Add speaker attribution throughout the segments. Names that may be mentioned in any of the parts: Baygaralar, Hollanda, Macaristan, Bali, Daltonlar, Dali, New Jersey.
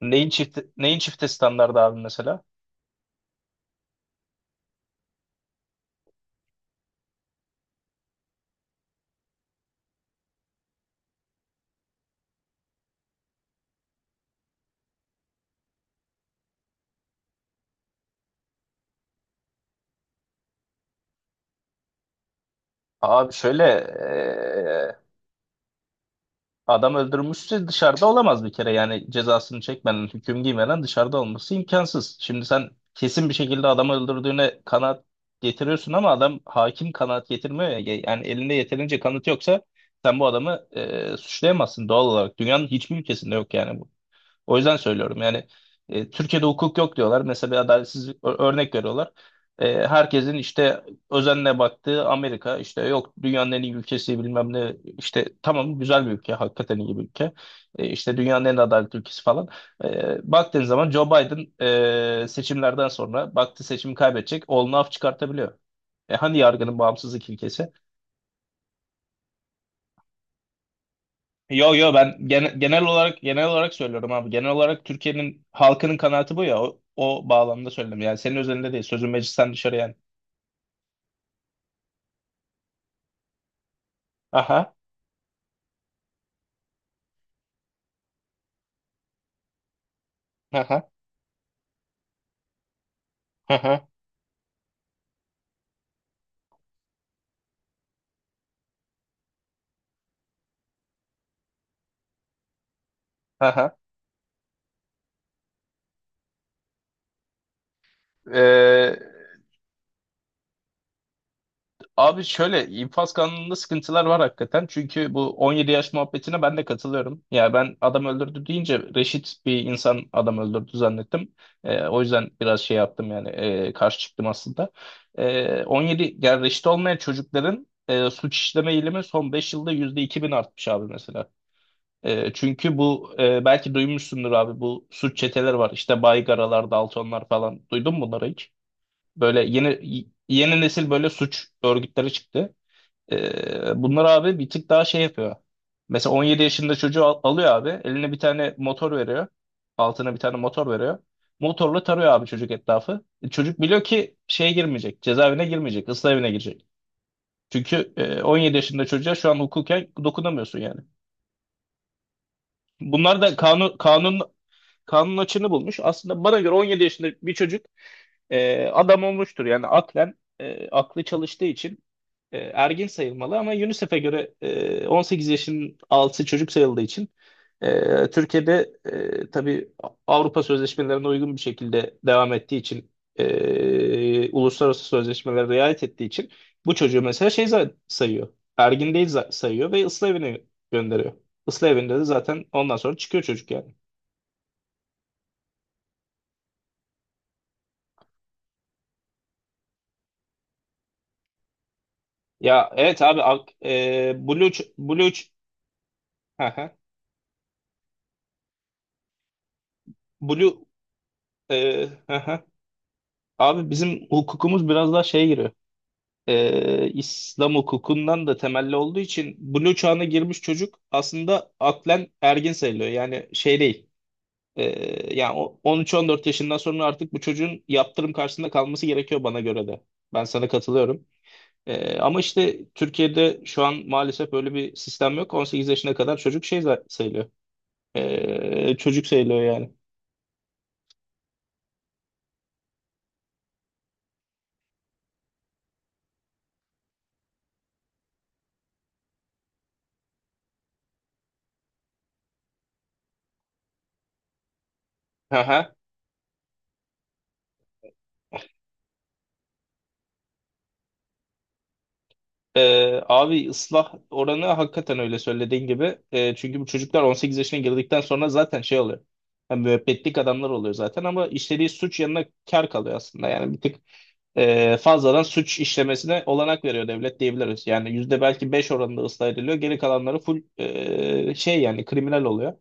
Speaker 1: Neyin çift neyin çifte standardı abi mesela? Abi şöyle adam öldürmüşse dışarıda olamaz bir kere yani cezasını çekmeden hüküm giymeden dışarıda olması imkansız. Şimdi sen kesin bir şekilde adamı öldürdüğüne kanaat getiriyorsun ama adam hakim kanaat getirmiyor ya yani elinde yeterince kanıt yoksa sen bu adamı suçlayamazsın doğal olarak dünyanın hiçbir ülkesinde yok yani bu. O yüzden söylüyorum yani Türkiye'de hukuk yok diyorlar. Mesela bir adaletsizlik örnek veriyorlar. Herkesin işte özenle baktığı Amerika işte yok dünyanın en iyi ülkesi bilmem ne işte tamam güzel bir ülke hakikaten iyi bir ülke. İşte dünyanın en adaletli ülkesi falan. Baktığın zaman Joe Biden seçimlerden sonra baktı seçimi kaybedecek oğlunu af çıkartabiliyor. Hani yargının bağımsızlık ilkesi? Yo yo ben genel olarak genel olarak söylüyorum abi. Genel olarak Türkiye'nin halkının kanaati bu ya. O, o bağlamda söyledim. Yani senin özelinde değil. Sözün meclisten dışarı yani. Aha. Aha. Aha. Aha. Abi şöyle infaz kanununda sıkıntılar var hakikaten. Çünkü bu 17 yaş muhabbetine ben de katılıyorum. Yani ben adam öldürdü deyince reşit bir insan adam öldürdü zannettim. O yüzden biraz şey yaptım yani karşı çıktım aslında. On yedi yani reşit olmayan çocukların suç işleme eğilimi son 5 yılda %2.000 artmış abi mesela. Çünkü bu belki duymuşsundur abi bu suç çeteleri var. İşte Baygaralar, Daltonlar falan. Duydun mu bunları hiç? Böyle yeni yeni nesil böyle suç örgütleri çıktı. Bunlar abi bir tık daha şey yapıyor. Mesela 17 yaşında çocuğu alıyor abi. Eline bir tane motor veriyor. Altına bir tane motor veriyor. Motorla tarıyor abi çocuk etrafı. Çocuk biliyor ki şeye girmeyecek. Cezaevine girmeyecek. Islah evine girecek. Çünkü 17 yaşında çocuğa şu an hukuken dokunamıyorsun yani. Bunlar da kanun açığını bulmuş. Aslında bana göre 17 yaşında bir çocuk adam olmuştur. Yani aklen aklı çalıştığı için ergin sayılmalı ama UNICEF'e göre 18 yaşın altı çocuk sayıldığı için Türkiye'de tabii Avrupa sözleşmelerine uygun bir şekilde devam ettiği için uluslararası sözleşmelere riayet ettiği için bu çocuğu mesela şey sayıyor. Ergin değil sayıyor ve ıslah evine gönderiyor. Islah evinde de zaten ondan sonra çıkıyor çocuk yani. Ya evet abi hı hı. Blue hı hı. Abi bizim hukukumuz biraz daha şeye giriyor. İslam hukukundan da temelli olduğu için blue çağına girmiş çocuk aslında aklen ergin sayılıyor. Yani şey değil. Yani 13-14 yaşından sonra artık bu çocuğun yaptırım karşısında kalması gerekiyor bana göre de. Ben sana katılıyorum. Ama işte Türkiye'de şu an maalesef böyle bir sistem yok. 18 yaşına kadar çocuk şey sayılıyor. Çocuk sayılıyor yani. Aha. Abi ıslah oranı hakikaten öyle söylediğin gibi. Çünkü bu çocuklar 18 yaşına girdikten sonra zaten şey oluyor. Yani müebbetlik adamlar oluyor zaten ama işlediği suç yanına kar kalıyor aslında. Yani bir tık fazladan suç işlemesine olanak veriyor devlet diyebiliriz. Yani yüzde belki 5 oranında ıslah ediliyor. Geri kalanları full şey yani kriminal oluyor.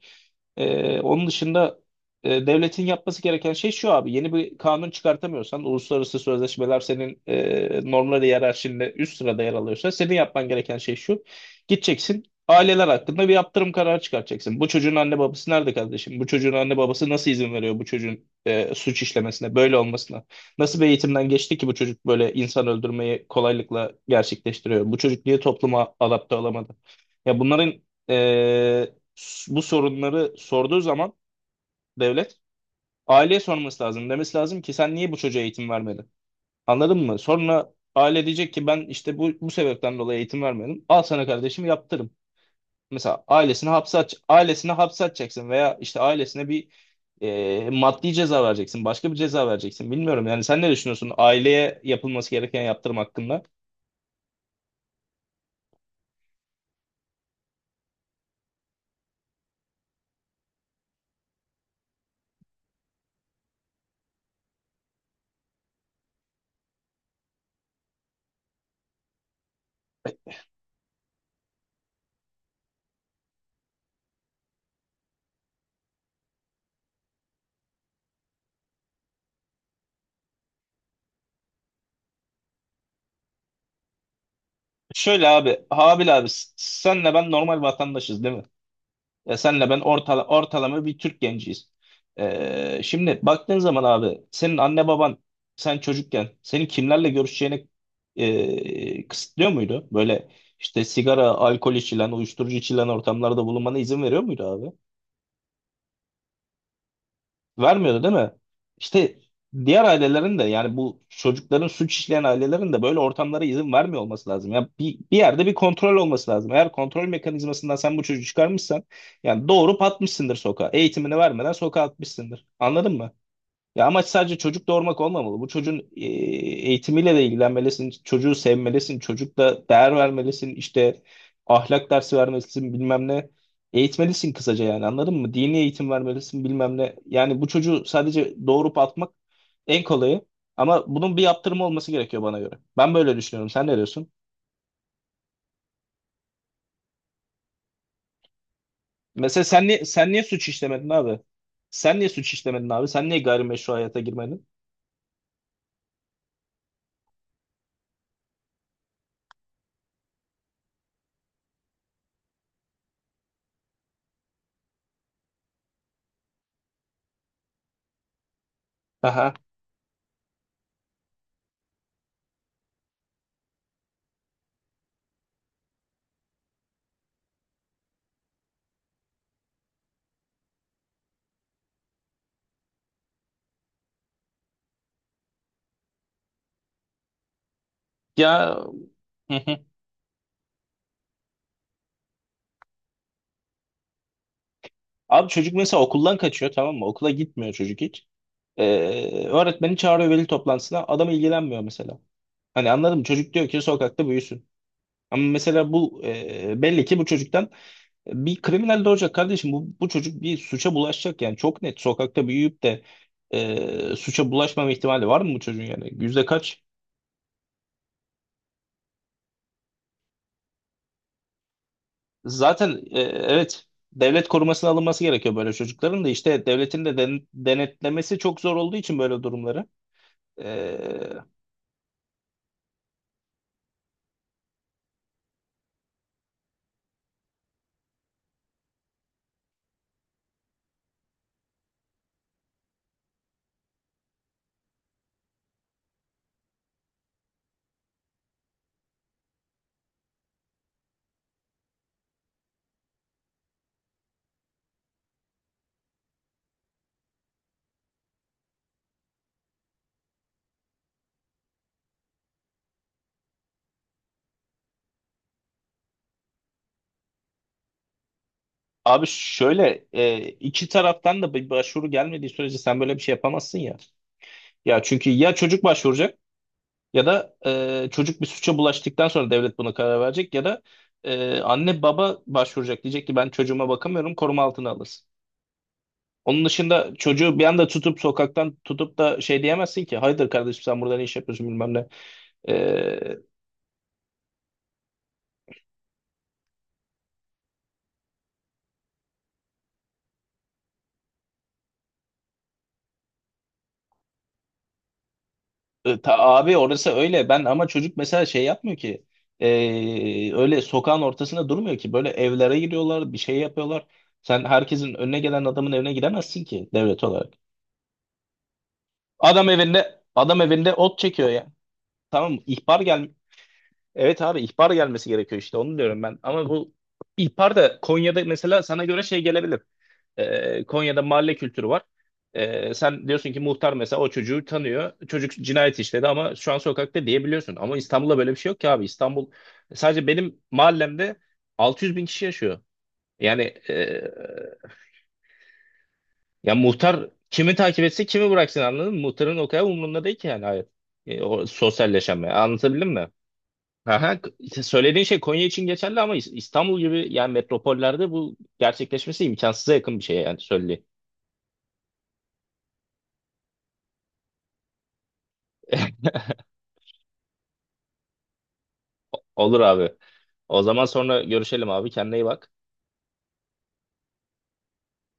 Speaker 1: Onun dışında devletin yapması gereken şey şu abi. Yeni bir kanun çıkartamıyorsan, uluslararası sözleşmeler senin normları hiyerarşinde üst sırada yer alıyorsa senin yapman gereken şey şu. Gideceksin aileler hakkında bir yaptırım kararı çıkartacaksın. Bu çocuğun anne babası nerede kardeşim? Bu çocuğun anne babası nasıl izin veriyor bu çocuğun suç işlemesine, böyle olmasına? Nasıl bir eğitimden geçti ki bu çocuk böyle insan öldürmeyi kolaylıkla gerçekleştiriyor? Bu çocuk niye topluma adapte olamadı? Ya bunların e, bu sorunları sorduğu zaman devlet aileye sorması lazım. Demesi lazım ki sen niye bu çocuğa eğitim vermedin? Anladın mı? Sonra aile diyecek ki ben işte bu, bu sebepten dolayı eğitim vermedim. Al sana kardeşim yaptır. Mesela ailesini hapse at, ailesini hapse atacaksın veya işte ailesine bir maddi ceza vereceksin, başka bir ceza vereceksin. Bilmiyorum yani sen ne düşünüyorsun aileye yapılması gereken yaptırım hakkında? Şöyle abi, Habil abi senle ben normal vatandaşız değil mi? Ya senle ben ortalama bir Türk genciyiz. Şimdi baktığın zaman abi senin anne baban sen çocukken senin kimlerle görüşeceğini kısıtlıyor muydu? Böyle işte sigara, alkol içilen, uyuşturucu içilen ortamlarda bulunmana izin veriyor muydu abi? Vermiyordu değil mi? İşte diğer ailelerin de yani bu çocukların suç işleyen ailelerin de böyle ortamlara izin vermiyor olması lazım. Ya bir yerde bir kontrol olması lazım. Eğer kontrol mekanizmasından sen bu çocuğu çıkarmışsan yani doğurup atmışsındır sokağa. Eğitimini vermeden sokağa atmışsındır. Anladın mı? Ya amaç sadece çocuk doğurmak olmamalı. Bu çocuğun eğitimiyle de ilgilenmelisin, çocuğu sevmelisin, çocukla değer vermelisin, işte ahlak dersi vermelisin, bilmem ne. Eğitmelisin kısaca yani anladın mı? Dini eğitim vermelisin, bilmem ne. Yani bu çocuğu sadece doğurup atmak en kolayı. Ama bunun bir yaptırımı olması gerekiyor bana göre. Ben böyle düşünüyorum. Sen ne diyorsun? Mesela sen niye suç işlemedin abi? Sen niye suç işlemedin abi? Sen niye gayrimeşru hayata girmedin? Aha. Ya hı hı. Abi çocuk mesela okuldan kaçıyor tamam mı? Okula gitmiyor çocuk hiç. Öğretmeni çağırıyor veli toplantısına. Adam ilgilenmiyor mesela. Hani anladım çocuk diyor ki sokakta büyüsün. Ama mesela bu belli ki bu çocuktan bir kriminal de olacak kardeşim bu, bu çocuk bir suça bulaşacak yani çok net sokakta büyüyüp de suça bulaşmama ihtimali var mı bu çocuğun yani yüzde kaç? Zaten evet devlet korumasına alınması gerekiyor böyle çocukların da işte devletin de denetlemesi çok zor olduğu için böyle durumları. E, Abi şöyle iki taraftan da bir başvuru gelmediği sürece sen böyle bir şey yapamazsın ya. Ya çünkü ya çocuk başvuracak ya da çocuk bir suça bulaştıktan sonra devlet buna karar verecek ya da anne baba başvuracak diyecek ki ben çocuğuma bakamıyorum koruma altına alırsın. Onun dışında çocuğu bir anda tutup sokaktan tutup da şey diyemezsin ki hayırdır kardeşim sen burada ne iş yapıyorsun bilmem ne. E, Abi orası öyle ben ama çocuk mesela şey yapmıyor ki e, öyle sokağın ortasında durmuyor ki böyle evlere giriyorlar bir şey yapıyorlar. Sen herkesin önüne gelen adamın evine gidemezsin ki devlet olarak. Adam evinde ot çekiyor ya. Tamam, ihbar gel. Evet abi ihbar gelmesi gerekiyor işte onu diyorum ben. Ama bu ihbar da Konya'da mesela sana göre şey gelebilir. Konya'da mahalle kültürü var. Sen diyorsun ki muhtar mesela o çocuğu tanıyor. Çocuk cinayet işledi ama şu an sokakta diyebiliyorsun. Ama İstanbul'da böyle bir şey yok ki abi. İstanbul sadece benim mahallemde 600 bin kişi yaşıyor. Yani e, ya muhtar kimi takip etse kimi bıraksın anladın mı? Muhtarın o kadar umurunda değil ki yani hayır. O sosyalleşme anlatabildim mi? Aha, işte söylediğin şey Konya için geçerli ama İstanbul gibi yani metropollerde bu gerçekleşmesi imkansıza yakın bir şey yani söylediğin. Olur abi. O zaman sonra görüşelim abi. Kendine iyi bak.